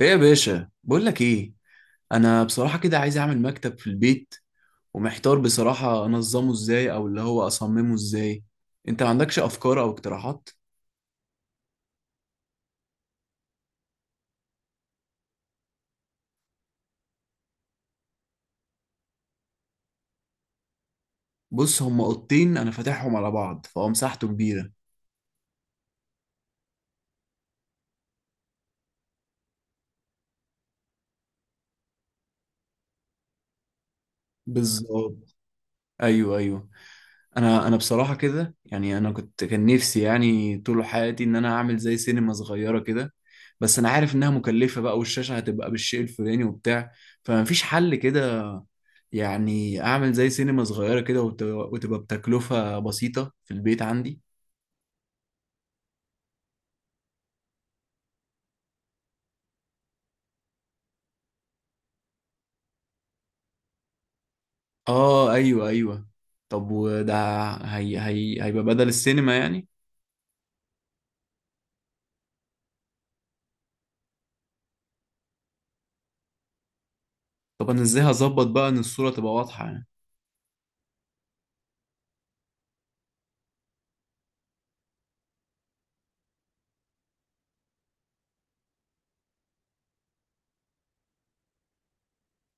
ايه يا باشا، بقول لك ايه. انا بصراحه كده عايز اعمل مكتب في البيت، ومحتار بصراحه انظمه ازاي او اللي هو اصممه ازاي. انت ما عندكش افكار او اقتراحات؟ بص هما اوضتين انا فاتحهم على بعض، فهو مساحته كبيره. بالظبط. ايوه ايوه. انا بصراحه كده يعني، انا كنت كان نفسي يعني طول حياتي ان انا اعمل زي سينما صغيره كده. بس انا عارف انها مكلفه بقى، والشاشه هتبقى بالشيء الفلاني وبتاع، فمفيش حل كده؟ يعني اعمل زي سينما صغيره كده وتبقى بتكلفه بسيطه في البيت عندي. اه ايوه ايوه. طب وده هي هيبقى بدل السينما يعني؟ طب انا ازاي هظبط بقى ان الصوره تبقى واضحه يعني؟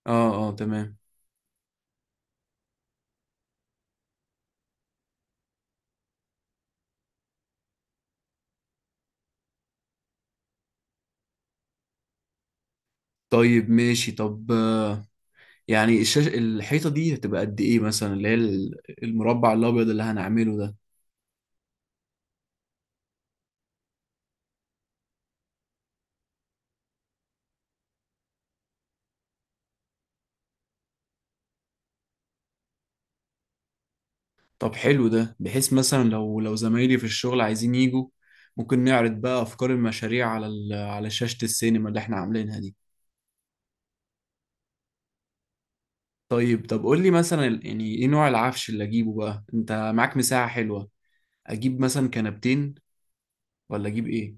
اه اه تمام. طيب ماشي. طب يعني الحيطة دي هتبقى قد إيه مثلا؟ اللي هي المربع الأبيض اللي هنعمله ده. طب حلو ده، بحيث مثلا لو زمايلي في الشغل عايزين يجوا، ممكن نعرض بقى أفكار المشاريع على شاشة السينما اللي إحنا عاملينها دي. طيب طب، قول لي مثلا يعني إيه نوع العفش اللي أجيبه بقى؟ أنت معاك مساحة حلوة. أجيب مثلا كنبتين ولا أجيب إيه؟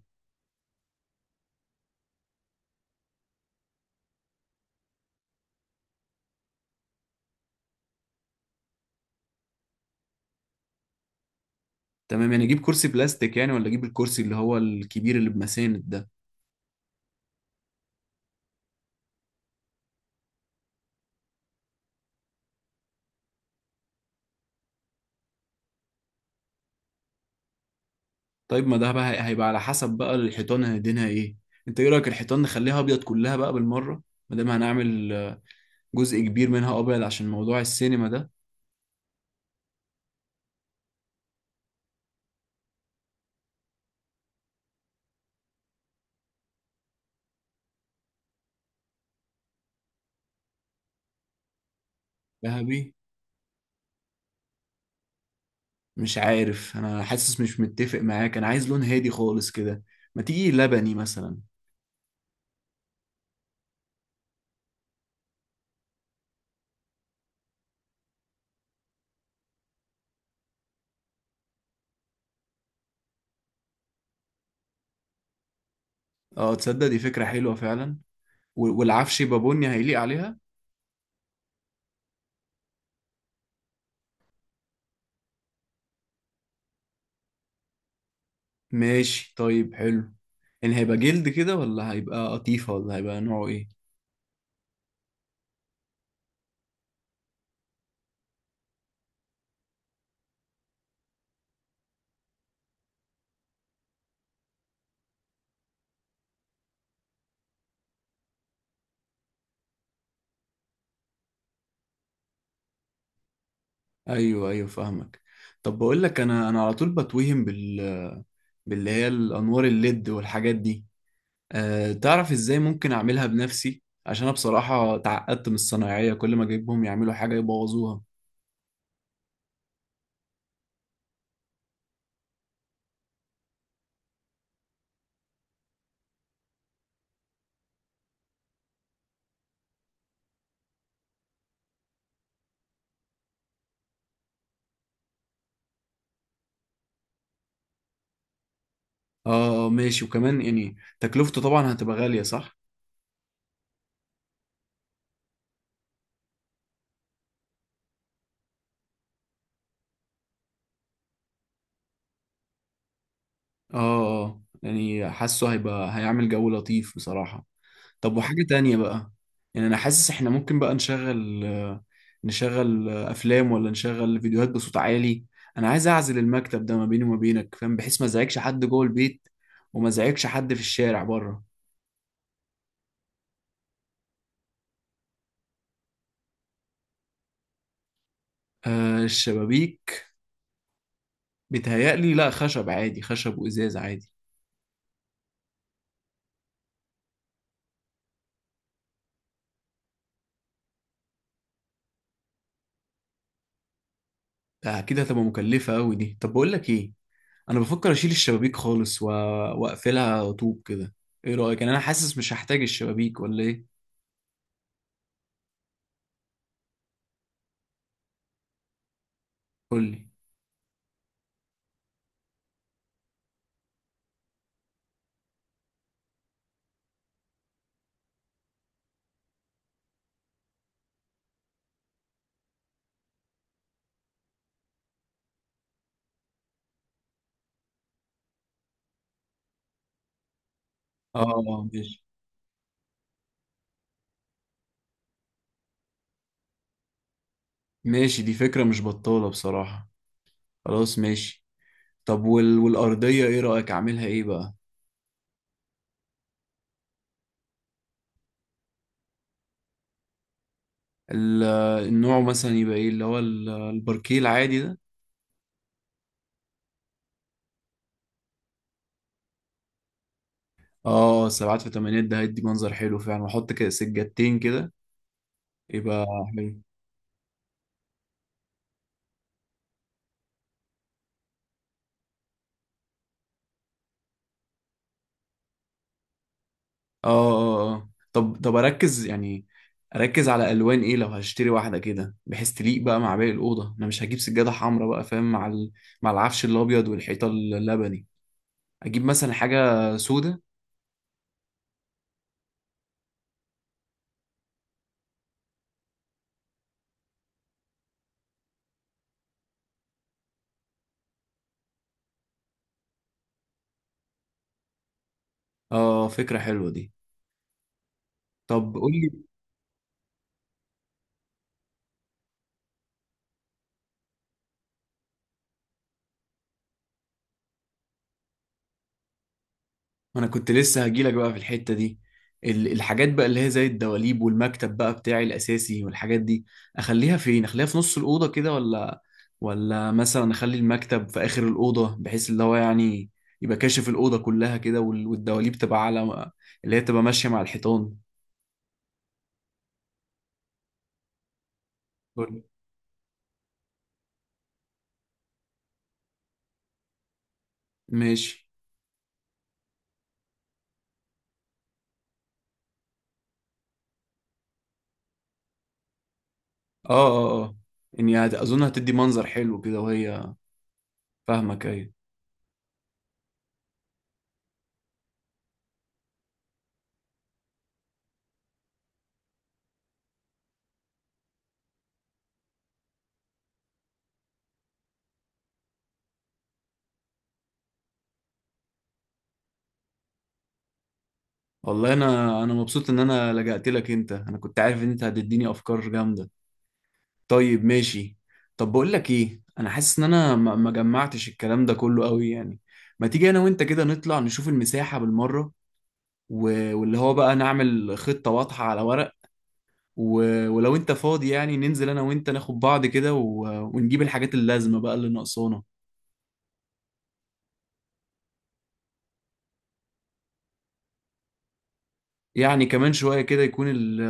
تمام. يعني أجيب كرسي بلاستيك يعني، ولا أجيب الكرسي اللي هو الكبير اللي بمساند ده؟ طيب ما ده بقى هيبقى على حسب بقى الحيطان هندينها ايه. انت ايه رايك الحيطان نخليها ابيض كلها بقى بالمره؟ ما دام هنعمل جزء كبير منها ابيض عشان موضوع السينما ده. ذهبي؟ مش عارف، انا حاسس مش متفق معاك. انا عايز لون هادي خالص كده. ما تيجي لبني مثلا. اه تصدق دي فكره حلوه فعلا. والعفش يبقى بني هيليق عليها. ماشي طيب حلو. يعني هيبقى جلد كده، ولا هيبقى قطيفه، ولا هيبقى نوعه ايه؟ ايوه ايوه فاهمك. طب بقول لك، انا على طول بتوهم باللي هي الانوار الليد والحاجات دي. أه تعرف ازاي ممكن اعملها بنفسي؟ عشان انا بصراحه اتعقدت من الصنايعيه، كل ما اجيبهم يعملوا حاجه يبوظوها. اه ماشي. وكمان يعني تكلفته طبعا هتبقى غاليه صح؟ اه يعني حاسه هيبقى هيعمل جو لطيف بصراحه. طب وحاجة تانية بقى. يعني أنا حاسس إحنا ممكن بقى نشغل أفلام، ولا نشغل فيديوهات بصوت عالي. أنا عايز أعزل المكتب ده ما بيني وما بينك، فاهم، بحيث ما أزعجش حد جوه البيت، وما أزعجش حد في الشارع بره. آه الشبابيك. بيتهيألي لا، خشب عادي، خشب وإزاز عادي. آه أكيد هتبقى مكلفة أوي دي. طب بقول لك إيه، أنا بفكر أشيل الشبابيك خالص وأقفلها طوب كده. إيه رأيك؟ يعني أنا حاسس مش هحتاج الشبابيك ولا إيه. قول لي. آه ماشي. ماشي دي فكرة مش بطالة بصراحة. خلاص ماشي. طب والأرضية ايه رأيك أعملها ايه بقى؟ ال... النوع مثلا يبقى ايه؟ اللي هو الباركيه العادي ده. اه سبعات في تمانيات ده هيدي منظر حلو فعلا. واحط كده سجادتين كده يبقى حلو. اه اه اه. طب طب اركز يعني، اركز على الوان ايه لو هشتري واحدة كده، بحيث تليق بقى مع باقي الأوضة. انا مش هجيب سجادة حمراء بقى فاهم مع العفش الأبيض والحيطة اللبني. اجيب مثلا حاجة سودة؟ اه فكرة حلوة دي. طب قول لي، انا كنت لسه هجيلك بقى في الحتة دي. الحاجات بقى اللي هي زي الدواليب والمكتب بقى بتاعي الاساسي والحاجات دي، اخليها فين؟ اخليها في نص الأوضة كده، ولا مثلا اخلي المكتب في آخر الأوضة، بحيث اللي هو يعني يبقى كاشف الأوضة كلها كده، والدواليب تبقى على اللي هي تبقى ماشية مع الحيطان. قول. ماشي. اه اه اه، يعني اظن هتدي منظر حلو كده وهي. فاهمك ايوه. والله انا مبسوط ان انا لجأت لك انت. انا كنت عارف ان انت هتديني افكار جامدة. طيب ماشي. طب بقول لك ايه، انا حاسس ان انا ما جمعتش الكلام ده كله قوي يعني. ما تيجي انا وانت كده نطلع نشوف المساحة بالمرة، واللي هو بقى نعمل خطة واضحة على ورق. ولو انت فاضي يعني، ننزل انا وانت ناخد بعض كده ونجيب الحاجات اللازمة بقى اللي ناقصانا. يعني كمان شوية كده يكون ال،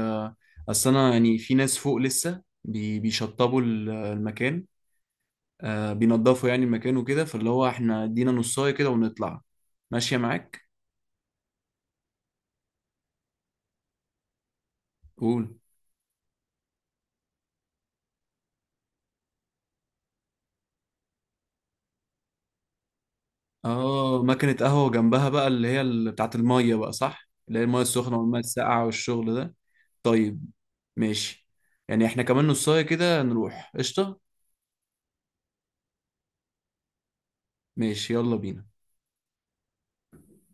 اصل انا يعني في ناس فوق لسه بيشطبوا المكان، بينضفوا يعني المكان وكده، فاللي هو احنا ادينا نصاية كده ونطلع. ماشية معاك. قول. اه مكنة قهوة جنبها بقى اللي هي بتاعت المية بقى صح، اللي هي المية السخنة والمية الساقعة والشغل ده. طيب ماشي. يعني احنا كمان نصاية كده نروح قشطة. ماشي يلا بينا.